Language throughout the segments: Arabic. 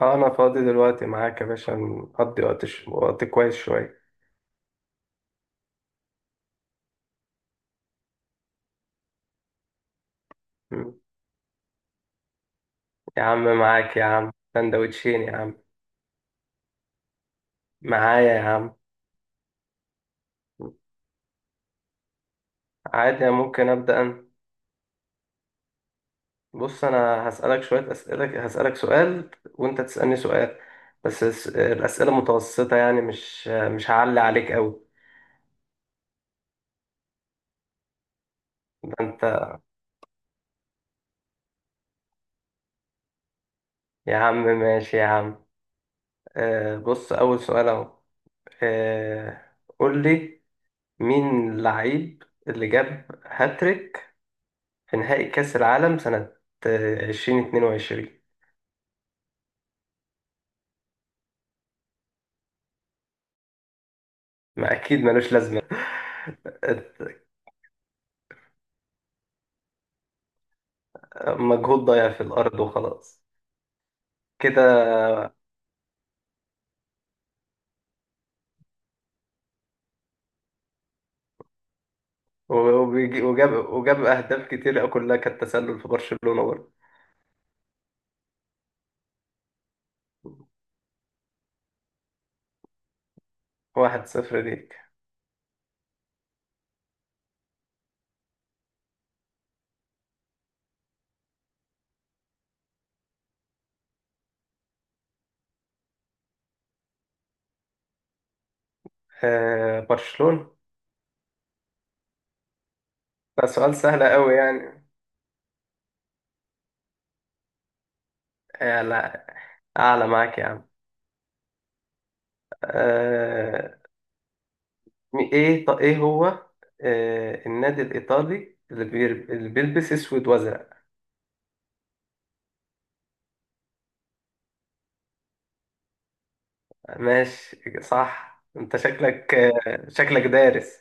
اه انا فاضي دلوقتي معاك يا باشا، نقضي وقت كويس شوية. م. يا عم معاك يا عم، سندوتشين يا عم. معايا يا عم. م. عادي، ممكن ابدأ انا. بص، انا هسألك شوية اسئلة، هسألك سؤال وانت تسألني سؤال. بس الأسئلة متوسطة، يعني مش هعلي عليك قوي. ده انت. يا عم ماشي يا عم. بص، اول سؤال اهو. آه، قول لي، مين اللعيب اللي جاب هاتريك في نهائي كأس العالم سنة 2022؟ ما أكيد ملوش لازمة. مجهود ضايع في الأرض وخلاص. كده. وجاب أهداف كتير كلها كانت تسلل في برشلونة برضه. 1-0 ليك. برشلونة. ده سؤال سهل قوي يعني. آه، لا. أعلى معاك يا عم. آه، إيه هو النادي الإيطالي اللي بيلبس أسود وأزرق؟ ماشي صح، انت شكلك دارس.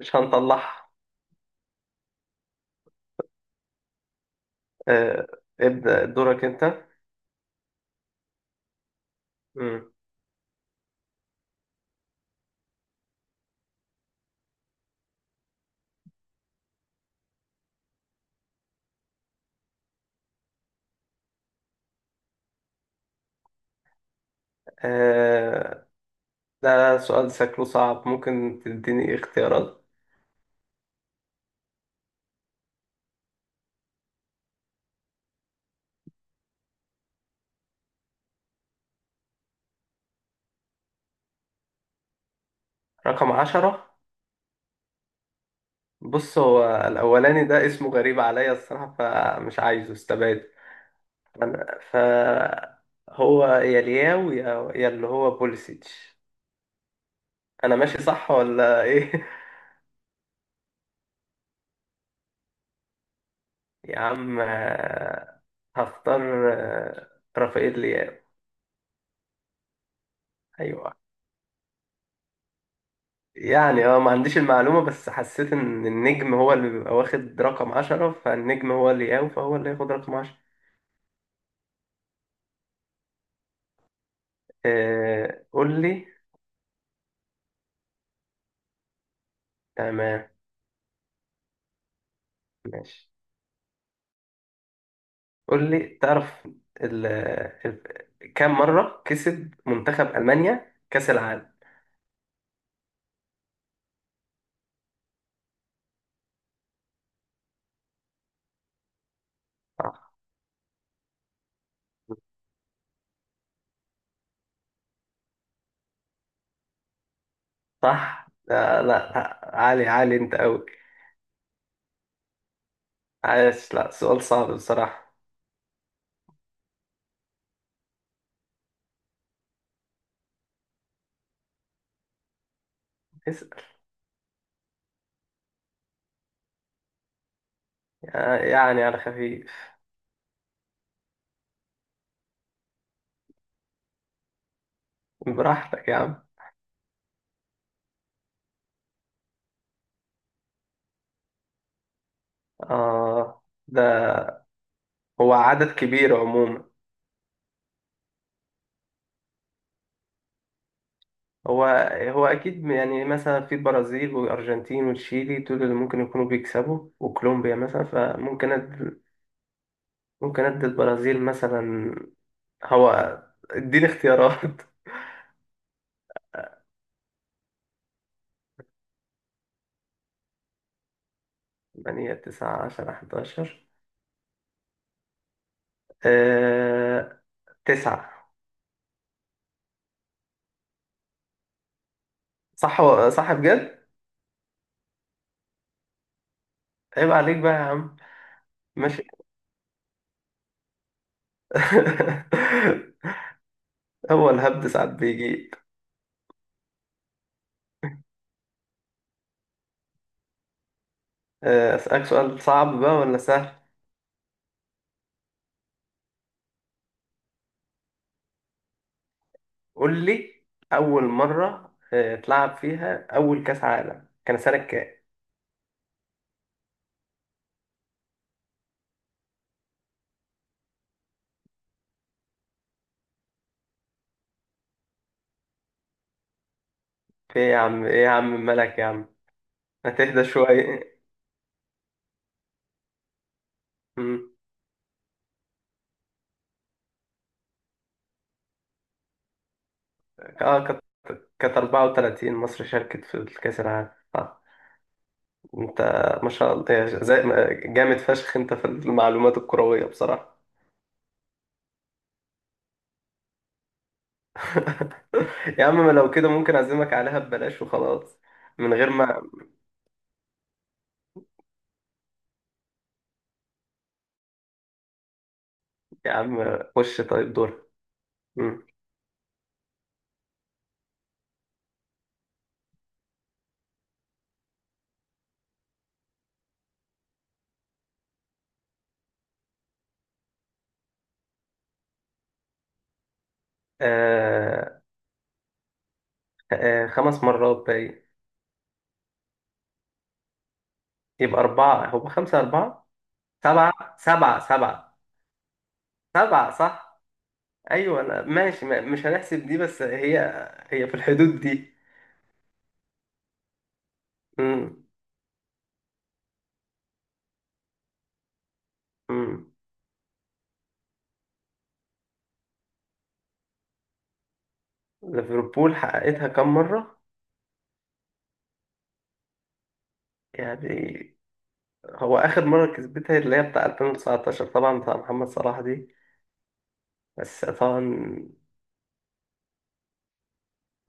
مش هنطلعها. آه، ابدأ دورك انت. مم. آه، ده سؤال شكله صعب، ممكن تديني اختيارات؟ رقم 10. بص، هو الأولاني ده اسمه غريب عليا الصراحة، فمش عايزه استبعد. أنا فهو يا لياو يا اللي هو بوليسيتش. أنا ماشي صح ولا إيه؟ يا عم، هختار رافائيل لياو. ايوه. يعني، ما عنديش المعلومة، بس حسيت ان النجم هو اللي بيبقى واخد رقم 10، فالنجم هو اللي ياو، فهو اللي ياخد رقم 10. قول لي. تمام. ماشي. قول لي، تعرف ال... ال... كم مرة كسب منتخب ألمانيا كأس العالم؟ صح. صح؟ لا لا، عالي عالي انت قوي. عايش. لا، سؤال صعب بصراحة. اسأل. يعني على خفيف. براحتك يا عم. آه ده هو عدد كبير عموما. هو هو أكيد، يعني مثلا في البرازيل والأرجنتين وتشيلي، دول اللي ممكن يكونوا بيكسبوا، وكولومبيا مثلا، ممكن أدي البرازيل مثلا. هو، اديني اختيارات. 8 9 10 11. آه... 9. صح. صح بجد؟ عيب عليك بقى يا عم. ماشي. هو الهبد ساعات بيجي. أسألك سؤال صعب بقى ولا سهل؟ قول لي. أول مرة تلعب فيها أول كأس عالم كان سنة كام؟ في إيه يا عم، إيه يا عم، مالك يا عم؟ هتهدى شوية. مم. آه كانت كانت 34 مصر شاركت في الكأس العالم. أنت، ما شاء الله، يا ج- زي ما- جامد فشخ أنت في المعلومات الكروية بصراحة. يا عم، ما لو كده ممكن أعزمك عليها ببلاش وخلاص. من غير ما. يا عم خش طيب دور. مم. آه 5 مرات باين. يبقى أربعة، هو خمسة أربعة؟ سبعة سبعة سبعة. سبعة صح. أيوة، أنا ماشي، مش هنحسب دي، بس هي في الحدود دي. مم. مم. ليفربول حققتها كم مرة؟ يعني، هو آخر مرة كسبتها اللي هي بتاع 2019، طبعا بتاع محمد صلاح دي. بس طبعا،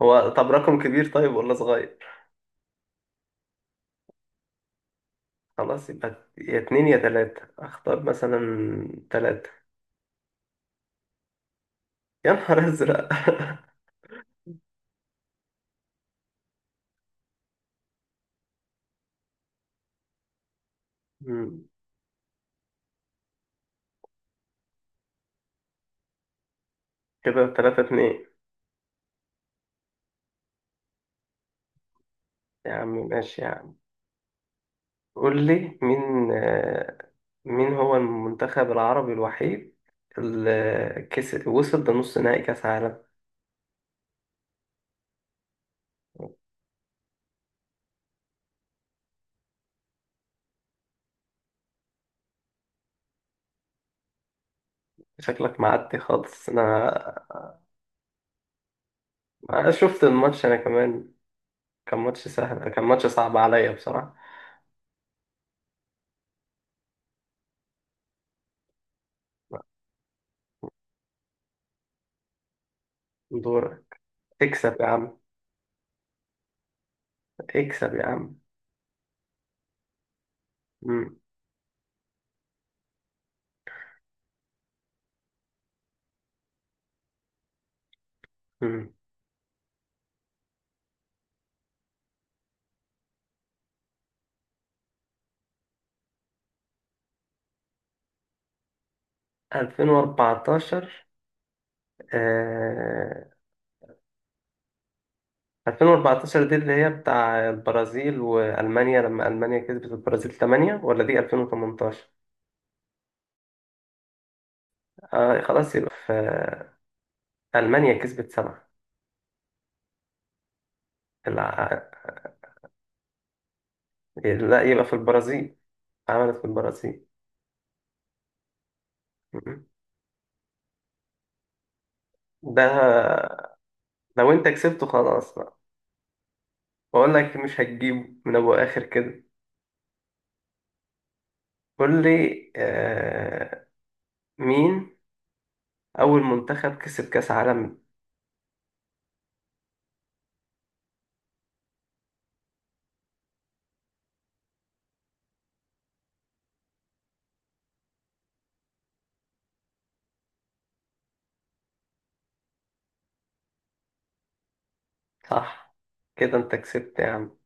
هو طب رقم كبير طيب ولا صغير؟ خلاص، يبقى يا اتنين يا تلاتة، أختار مثلا تلاتة. يا نهار أزرق. مم. كده تلاتة اتنين. يا عم ماشي يا عم. قول لي، مين هو المنتخب العربي الوحيد اللي وصل لنص نهائي كأس عالم؟ شكلك معدي خالص انا. أنا شفت الماتش انا كمان. كان ماتش سهل، كان ماتش صعب عليا بصراحة. دورك. اكسب يا عم. اكسب يا عم. مم. مم. 2014. آه... 2014، دي اللي هي بتاع البرازيل وألمانيا لما ألمانيا كسبت البرازيل 8، ولا دي 2018؟ خلاص، يبقى في ألمانيا كسبت سبعة. الع- لا، يبقى في البرازيل. عملت في البرازيل. م-م. ده لو انت كسبته خلاص بقى. بقول لك، مش هتجيبه من ابو اخر كده. قول لي، مين اول منتخب كسب كاس عالم؟ صح. كده انت كسبت يا عم.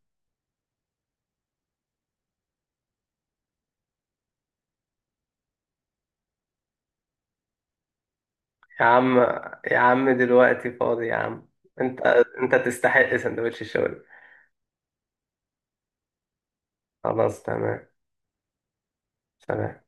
يا عم. يا عم دلوقتي فاضي يا عم. انت انت تستحق سندوتش الشاورما. خلاص تمام. سلام.